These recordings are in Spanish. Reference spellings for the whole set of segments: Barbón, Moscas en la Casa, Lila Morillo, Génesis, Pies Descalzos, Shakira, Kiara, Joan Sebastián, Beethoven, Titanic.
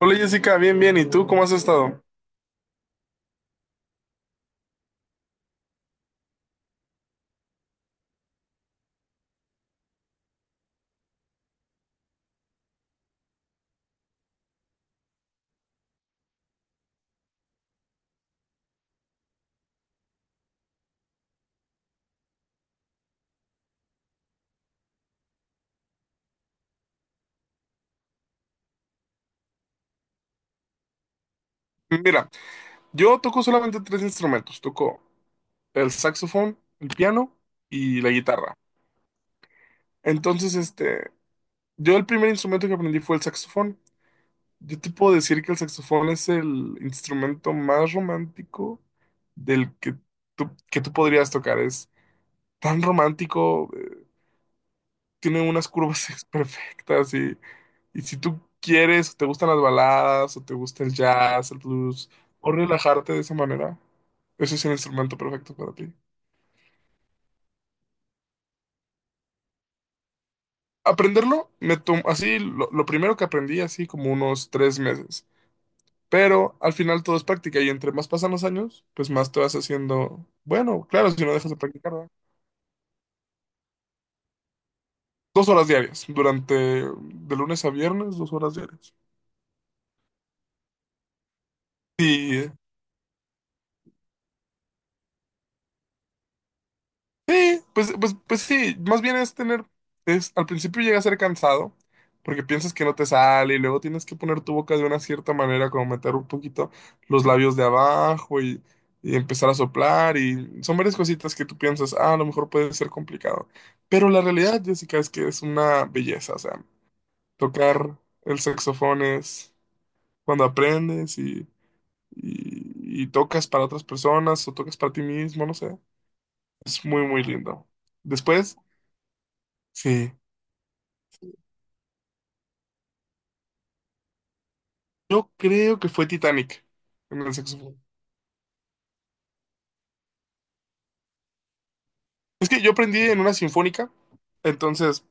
Hola Jessica, bien, bien. ¿Y tú cómo has estado? Mira, yo toco solamente tres instrumentos. Toco el saxofón, el piano y la guitarra. Entonces, yo el primer instrumento que aprendí fue el saxofón. Yo te puedo decir que el saxofón es el instrumento más romántico del que que tú podrías tocar. Es tan romántico. Tiene unas curvas perfectas y si tú quieres, te gustan las baladas, o te gusta el jazz, el blues, o relajarte de esa manera, ese es el instrumento perfecto para ti. Aprenderlo, así, lo primero que aprendí, así como unos 3 meses. Pero al final todo es práctica y entre más pasan los años, pues más te vas haciendo, bueno, claro, si no dejas de practicar, ¿verdad? 2 horas diarias, durante de lunes a viernes, 2 horas diarias. Sí, pues sí, más bien es tener, es, al principio llega a ser cansado, porque piensas que no te sale y luego tienes que poner tu boca de una cierta manera, como meter un poquito los labios de abajo y empezar a soplar y son varias cositas que tú piensas, ah, a lo mejor puede ser complicado, pero la realidad, Jessica, es que es una belleza, o sea, tocar el saxofón es cuando aprendes y tocas para otras personas o tocas para ti mismo, no sé, es muy, muy lindo. Después. Sí. Yo creo que fue Titanic en el saxofón. Es que yo aprendí en una sinfónica, entonces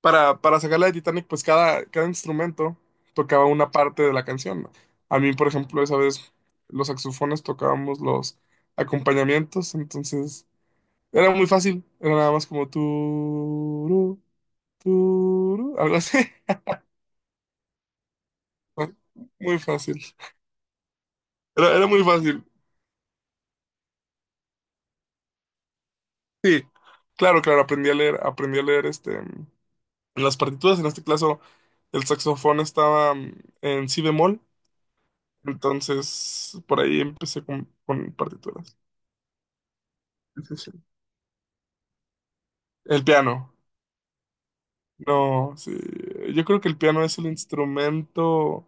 para sacarla de Titanic, pues cada instrumento tocaba una parte de la canción, ¿no? A mí, por ejemplo, esa vez los saxofones tocábamos los acompañamientos, entonces era muy fácil, era nada más como algo así. Muy fácil. Era muy fácil. Sí, claro, claro, aprendí a leer. En las partituras, en este caso el saxofón estaba en si bemol, entonces por ahí empecé con partituras. Sí, sí. El piano, no, sí, yo creo que el piano es el instrumento,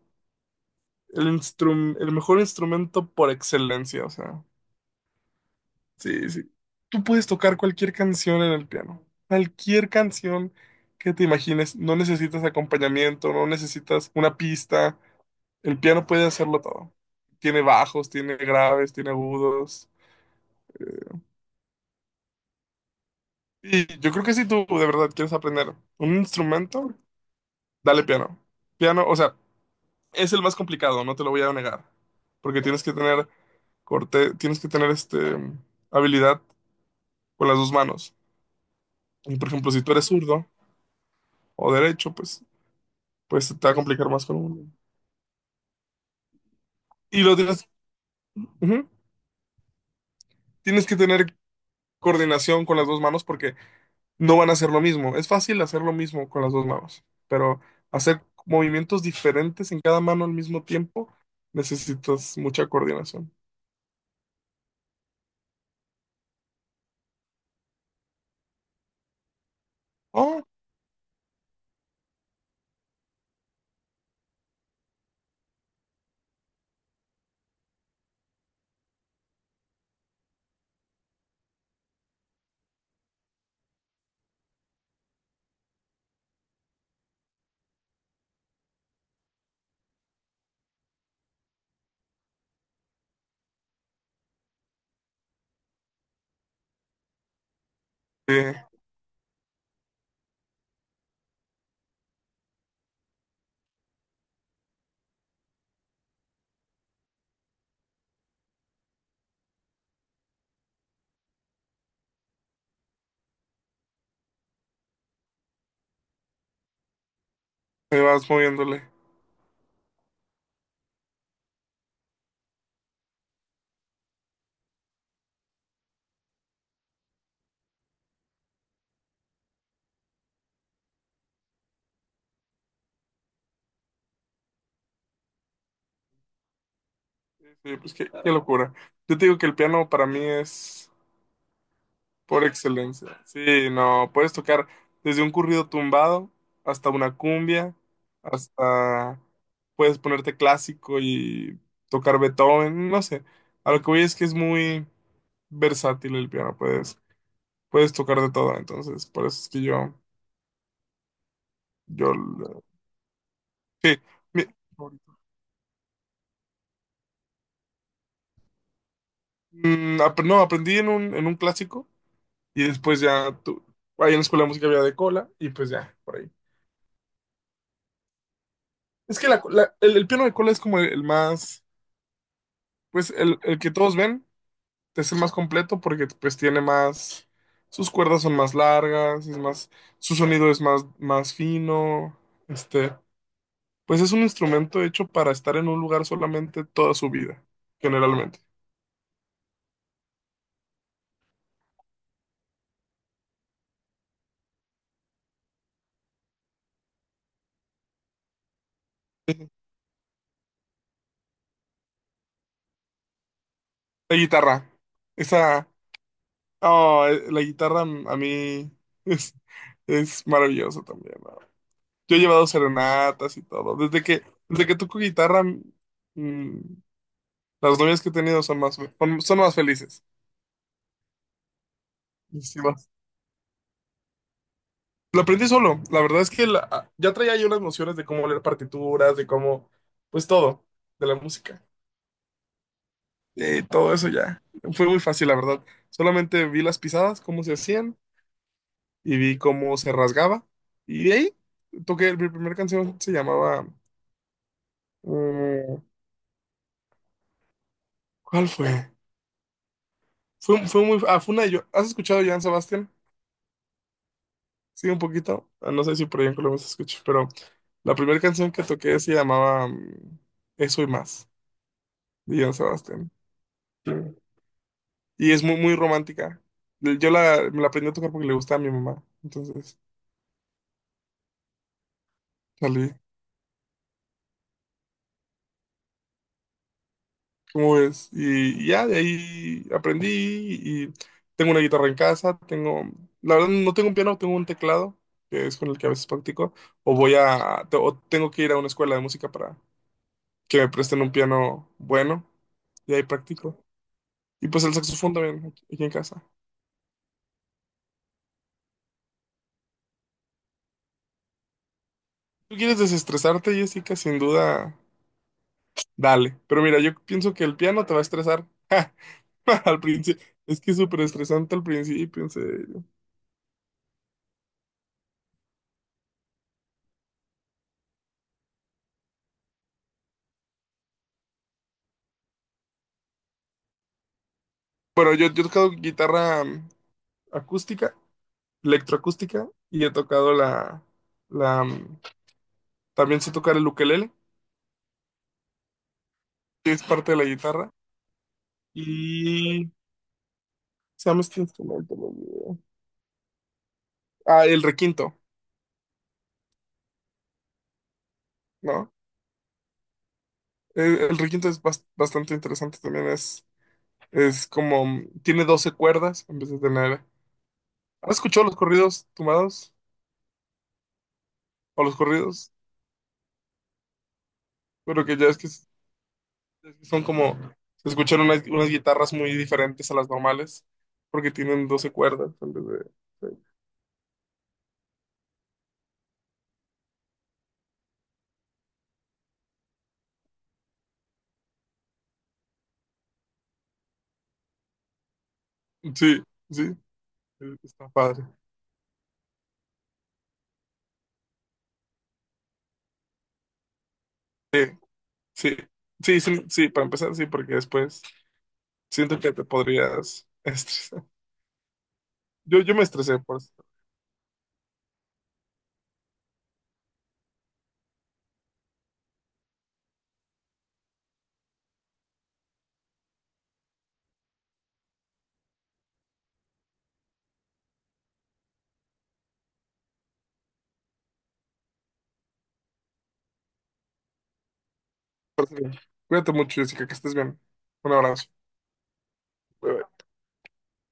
el instrum- el mejor instrumento por excelencia, o sea, sí, sí. Tú puedes tocar cualquier canción en el piano, cualquier canción que te imagines, no necesitas acompañamiento, no necesitas una pista. El piano puede hacerlo todo. Tiene bajos, tiene graves, tiene agudos. Eh, Y yo creo que si tú de verdad quieres aprender un instrumento, dale piano. Piano, o sea, es el más complicado, no te lo voy a negar. Porque tienes que tener corte, tienes que tener habilidad con las dos manos. Y por ejemplo, si tú eres zurdo o derecho, pues te va a complicar más con uno. Y lo tienes. Ujú. Tienes que tener coordinación con las dos manos porque no van a hacer lo mismo. Es fácil hacer lo mismo con las dos manos, pero hacer movimientos diferentes en cada mano al mismo tiempo necesitas mucha coordinación. Oh, sí, ahí vas moviéndole. Sí, pues qué locura. Yo te digo que el piano para mí es por excelencia. Sí, no, puedes tocar desde un corrido tumbado hasta una cumbia, hasta puedes ponerte clásico y tocar Beethoven, no sé. A lo que voy es que es muy versátil el piano, puedes tocar de todo, entonces por eso es que yo, lo- sí, mi- mm, ap- no, aprendí en un, clásico y después ya, ahí en la escuela de música había de cola y pues ya, por ahí. Es que el piano de cola es como el más. Pues el que todos ven es el más completo porque pues tiene más, sus cuerdas son más largas, es más, su sonido es más, más fino, este, pues es un instrumento hecho para estar en un lugar solamente toda su vida, generalmente. La guitarra, esa, oh, la guitarra a mí es, es maravilloso también, ¿no? Yo he llevado serenatas y todo, desde que toco guitarra, mm, las novias que he tenido son más felices. Sí, lo aprendí solo. La verdad es que ya traía yo las nociones de cómo leer partituras, de cómo, pues todo, de la música. Todo eso ya. Fue muy fácil, la verdad. Solamente vi las pisadas, cómo se hacían, y vi cómo se rasgaba. Y de ahí toqué, mi primera canción se llamaba, eh, ¿cuál fue? Fue muy. Ah, fue una de. ¿Has escuchado a Joan Sebastián? Sí, un poquito. Ah, no sé si por ahí en Colombia se escucha, pero la primera canción que toqué se llamaba Eso y más, de Joan Sebastián. Y es muy, muy romántica. Yo la, me la aprendí a tocar porque le gustaba a mi mamá. Entonces, salí. ¿Cómo ves? Y ya de ahí aprendí y tengo una guitarra en casa, la verdad no tengo un piano, tengo un teclado, que es con el que a veces practico, o tengo que ir a una escuela de música para que me presten un piano bueno y ahí practico. Y pues el saxofón también aquí, aquí en casa. ¿Tú quieres desestresarte, Jessica? Sin duda, dale. Pero mira, yo pienso que el piano te va a estresar. Al principio, es que es súper estresante al principio, en serio. Bueno, yo he tocado guitarra acústica, electroacústica, y he tocado la, mm, también sé tocar el ukelele, que es parte de la guitarra, y se llama este instrumento, no me olvidé. Ah, el requinto, ¿no? El requinto es bastante interesante también, es como, tiene 12 cuerdas en vez de tener. ¿Has escuchado los corridos tumbados? O los corridos, pero que ya es que son como, se escuchan unas guitarras muy diferentes a las normales, porque tienen 12 cuerdas. De- Sí, sí, está padre. Sí, sí, sí, sí, sí, para empezar, sí, porque después siento que te podrías estresar. Yo me estresé por eso. Por eso. Cuídate mucho, Jessica, que estés bien. Un abrazo. Bye, bye.